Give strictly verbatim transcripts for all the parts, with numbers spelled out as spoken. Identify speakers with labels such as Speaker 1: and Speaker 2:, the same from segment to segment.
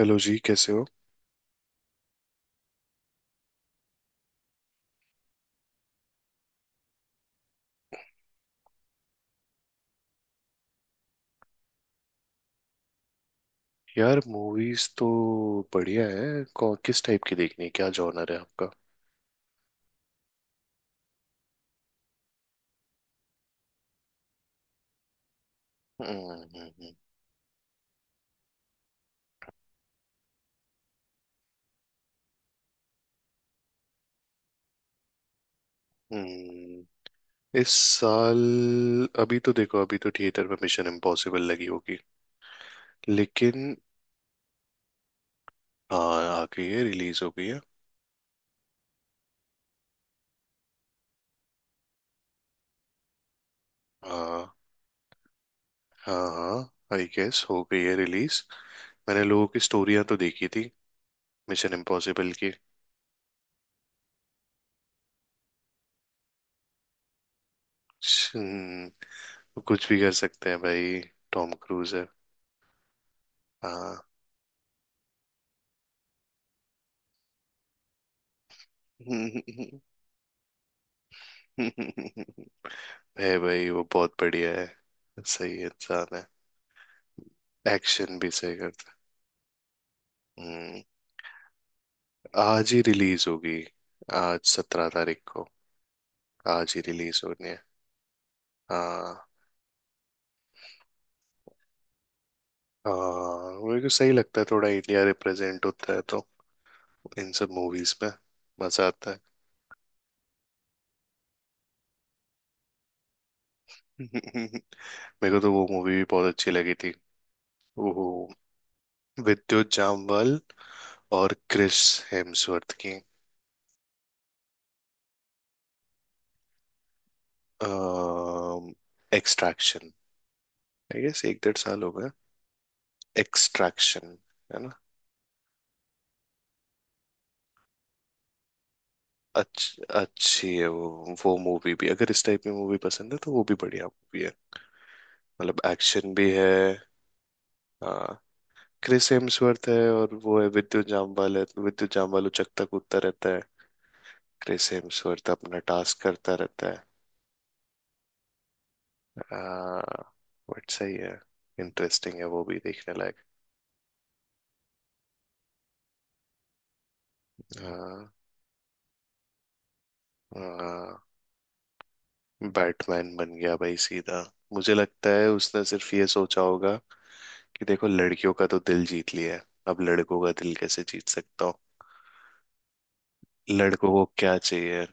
Speaker 1: Hello जी कैसे हो। यार मूवीज तो बढ़िया है। कौ, किस टाइप की देखनी है, क्या जॉनर है आपका? हम्म हम्म, हम्म, हम्म। इस साल अभी तो देखो, अभी तो थिएटर में मिशन इम्पॉसिबल लगी होगी, लेकिन हाँ आ गई है, रिलीज हो गई है। हाँ हाँ। हाँ, आई गेस हो गई है रिलीज। मैंने लोगों की स्टोरियां तो देखी थी मिशन इम्पॉसिबल की। हम्म, वो कुछ भी कर सकते हैं भाई, टॉम क्रूज है। हाँ। है भाई, वो बहुत बढ़िया है, सही इंसान है। एक्शन भी सही करता है। हम्म। आज ही रिलीज होगी, आज सत्रह तारीख को आज ही रिलीज होनी है। हाँ। हाँ मेरे को सही लगता है, थोड़ा इंडिया रिप्रेजेंट होता है तो इन सब मूवीज में मजा आता है। मेरे को तो वो मूवी भी बहुत अच्छी लगी थी, वो विद्युत जामवाल और क्रिस हेम्सवर्थ की, एक्सट्रैक्शन। आई गेस एक डेढ़ साल हो गए। एक्सट्रैक्शन, है ना। अच्छ, अच्छी है वो वो मूवी भी, अगर इस टाइप में मूवी पसंद है तो वो भी बढ़िया मूवी है। मतलब एक्शन भी है। हाँ, क्रिस हेम्सवर्थ है और वो है विद्युत जामवाल है, तो विद्युत जामवाल उचकता कूदता रहता है, क्रिस हेम्सवर्थ अपना टास्क करता रहता है। हाँ बट सही है, इंटरेस्टिंग है, वो भी देखने लायक। हाँ। हाँ, बैटमैन बन गया भाई सीधा। मुझे लगता है उसने सिर्फ ये सोचा होगा कि देखो लड़कियों का तो दिल जीत लिया है, अब लड़कों का दिल कैसे जीत सकता हूँ। लड़कों को क्या चाहिए।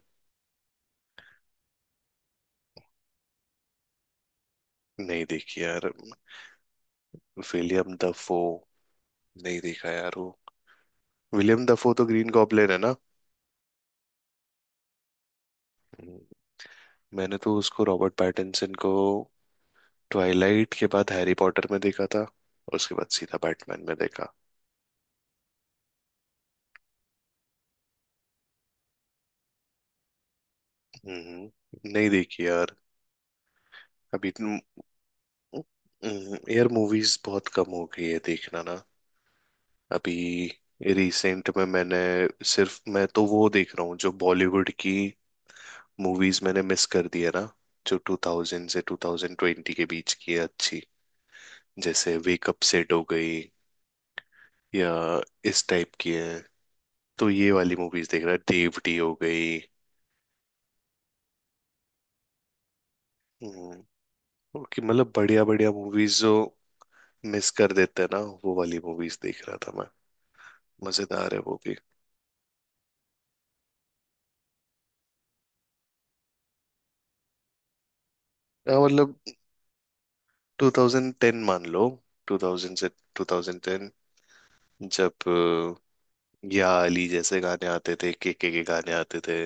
Speaker 1: नहीं देखी यार। विलियम दफो नहीं देखा यार वो। विलियम दफो तो ग्रीन गॉब्लिन है ना। हम्म। मैंने तो उसको, रॉबर्ट पैटिंसन को, ट्वाइलाइट के बाद हैरी पॉटर में देखा था और उसके बाद सीधा बैटमैन में देखा। हम्म। नहीं देखी यार। अभी तो- हम्म, यार मूवीज बहुत कम हो गई है देखना ना अभी। रिसेंट में मैंने सिर्फ, मैं तो वो देख रहा हूँ जो बॉलीवुड की मूवीज मैंने मिस कर दी है ना, जो ट्वेंटी हंड्रेड से ट्वेंटी ट्वेंटी के बीच की है अच्छी, जैसे वेकअप सेट हो गई, या इस टाइप की है, तो ये वाली मूवीज देख रहा है, देवटी हो गई। हम्म, और कि मतलब बढ़िया बढ़िया मूवीज जो मिस कर देते हैं ना, वो वाली मूवीज देख रहा था मैं। मजेदार है वो भी। हाँ, मतलब ट्वेंटी टेन मान लो, दो हज़ार से ट्वेंटी टेन, जब या अली जैसे गाने आते थे, के के के गाने आते थे।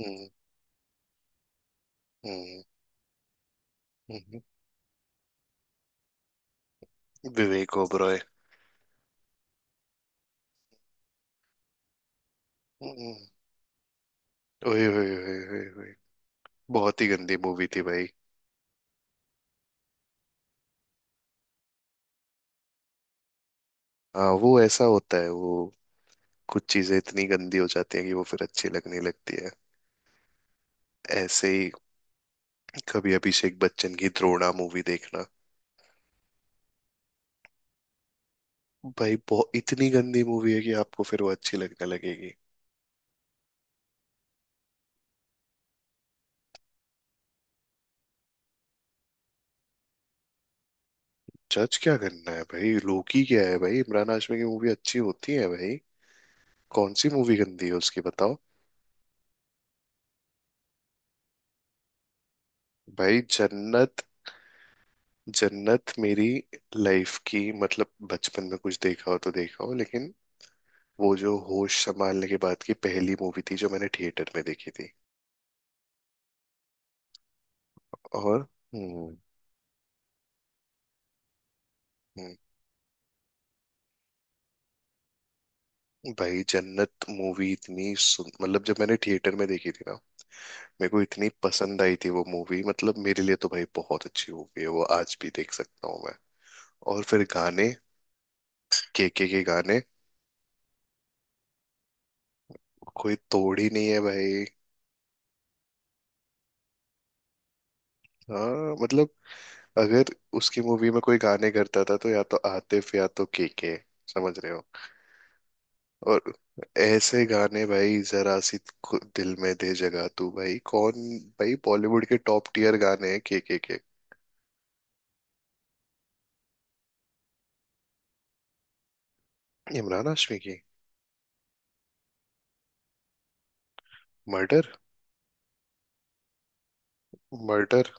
Speaker 1: हम्म, हम्म, हम्म, विवेक ओबरॉय। हम्म, ओए ओए ओए ओए ओए, बहुत ही गंदी मूवी थी भाई। हाँ वो ऐसा होता है वो, कुछ चीजें इतनी गंदी हो जाती हैं कि वो फिर अच्छी लगने लगती है। ऐसे ही कभी अभिषेक बच्चन की द्रोणा मूवी देखना, भाई बहुत, इतनी गंदी मूवी है कि आपको फिर वो अच्छी लगने लगेगी। जज क्या करना है भाई, लोकी क्या है भाई, इमरान हाशमी की मूवी अच्छी होती है भाई। कौन सी मूवी गंदी है उसकी बताओ। भाई जन्नत, जन्नत मेरी लाइफ की, मतलब बचपन में कुछ देखा हो तो देखा हो, लेकिन वो जो होश संभालने के बाद की पहली मूवी थी जो मैंने थिएटर में देखी थी। और हम्म। हम्म, भाई जन्नत मूवी इतनी सुन, मतलब जब मैंने थिएटर में देखी थी ना, मेरे को इतनी पसंद आई थी वो मूवी, मतलब मेरे लिए तो भाई बहुत अच्छी मूवी है, वो आज भी देख सकता हूँ मैं। और फिर गाने, के के के गाने, कोई तोड़ ही नहीं है भाई। हाँ मतलब, अगर उसकी मूवी में कोई गाने करता था तो या तो आतिफ या तो केके, समझ रहे हो। और ऐसे गाने भाई, जरा सी, खु- दिल में दे जगह तू, भाई कौन, भाई बॉलीवुड के टॉप टीयर गाने हैं केके के। इमरान हाशमी की मर्डर। मर्डर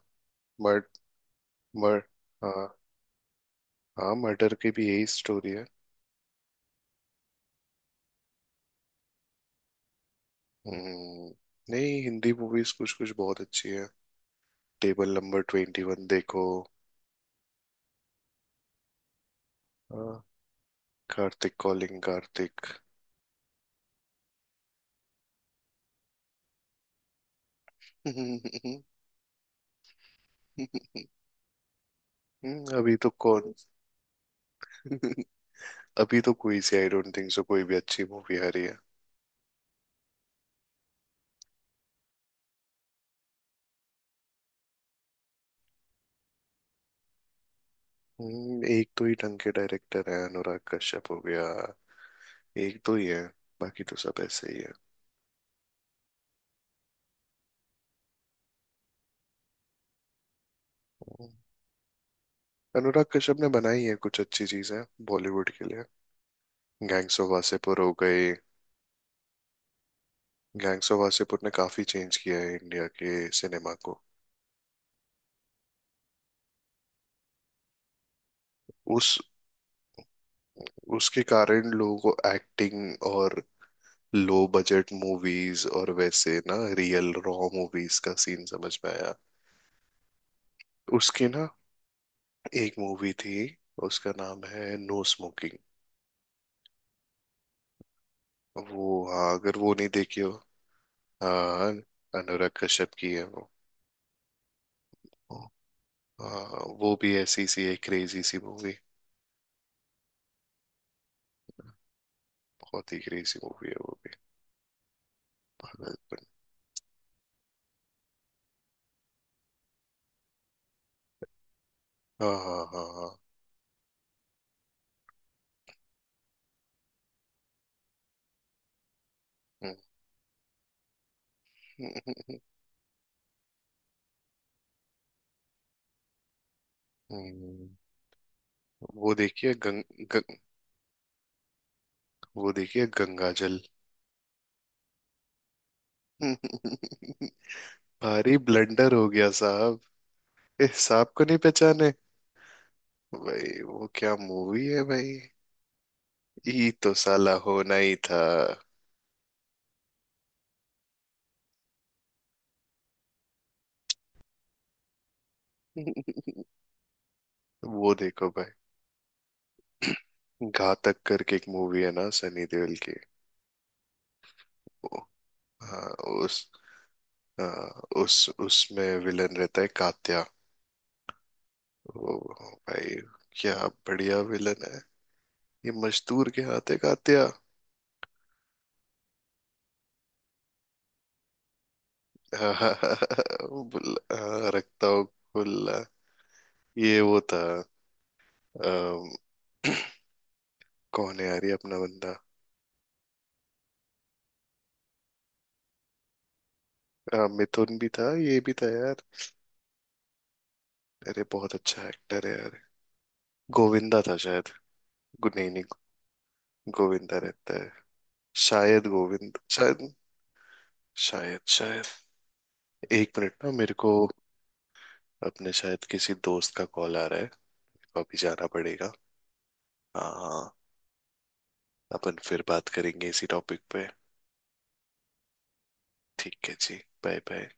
Speaker 1: मर्ड मर्ड हाँ। हाँ, मर्डर की भी यही स्टोरी है। हम्म। नहीं हिंदी मूवीज कुछ कुछ बहुत अच्छी है। टेबल नंबर ट्वेंटी वन देखो। हाँ, कार्तिक कॉलिंग कार्तिक। हम्म, अभी तो कौन, अभी तो कोई सी, आई डोंट थिंक सो कोई भी अच्छी मूवी आ रही है। हम्म, एक तो ही ढंग के डायरेक्टर है, अनुराग कश्यप हो गया, एक दो ही है, बाकी तो सब ऐसे ही है। हम्म, अनुराग कश्यप ने बनाई है कुछ अच्छी चीजें बॉलीवुड के लिए, गैंग्स ऑफ वासेपुर हो गए। गैंग्स ऑफ वासेपुर ने काफी चेंज किया है इंडिया के सिनेमा को। उस उसके कारण लोगों को एक्टिंग और लो बजट मूवीज और वैसे ना रियल रॉ मूवीज का सीन समझ में आया। उसकी ना एक मूवी थी, उसका नाम है नो स्मोकिंग। वो, हाँ, अगर वो नहीं देखी हो। हाँ, अनुराग कश्यप की है वो। हाँ वो भी ऐसी सी एक क्रेजी सी मूवी, बहुत ही क्रेजी मूवी है वो भी, पागलपन। हाँ हाँ हाँ हाँ। हम्म, हम्म, वो देखिए गंग, गंग वो देखिए गंगा जल। भारी ब्लंडर हो गया साहब, इस साहब को नहीं पहचाने। भाई वो क्या मूवी है भाई, ये तो साला होना ही था। वो देखो भाई, घातक करके एक मूवी है ना सनी देओल की। वो, हाँ। उस हाँ, उस उसमें विलन रहता है कात्या। ओ भाई, क्या बढ़िया विलन है, ये मजदूर के हाथ है कात्या। बुल्ला, हाँ, रखता हूँ, बुल्ला, ये वो था। अम, कौन है यार ये अपना बंदा। अ, मिथुन भी था, ये भी था यार, अरे बहुत अच्छा एक्टर है यार। गोविंदा था शायद। गु- नहीं नहीं, गोविंदा रहता है, शायद गोविंद, शायद, शायद, शायद। एक मिनट ना मेरे को, अपने शायद किसी दोस्त का कॉल आ रहा है, तो अभी जाना पड़ेगा। हाँ हाँ। अपन फिर बात करेंगे इसी टॉपिक पे। ठीक है जी। Bye bye.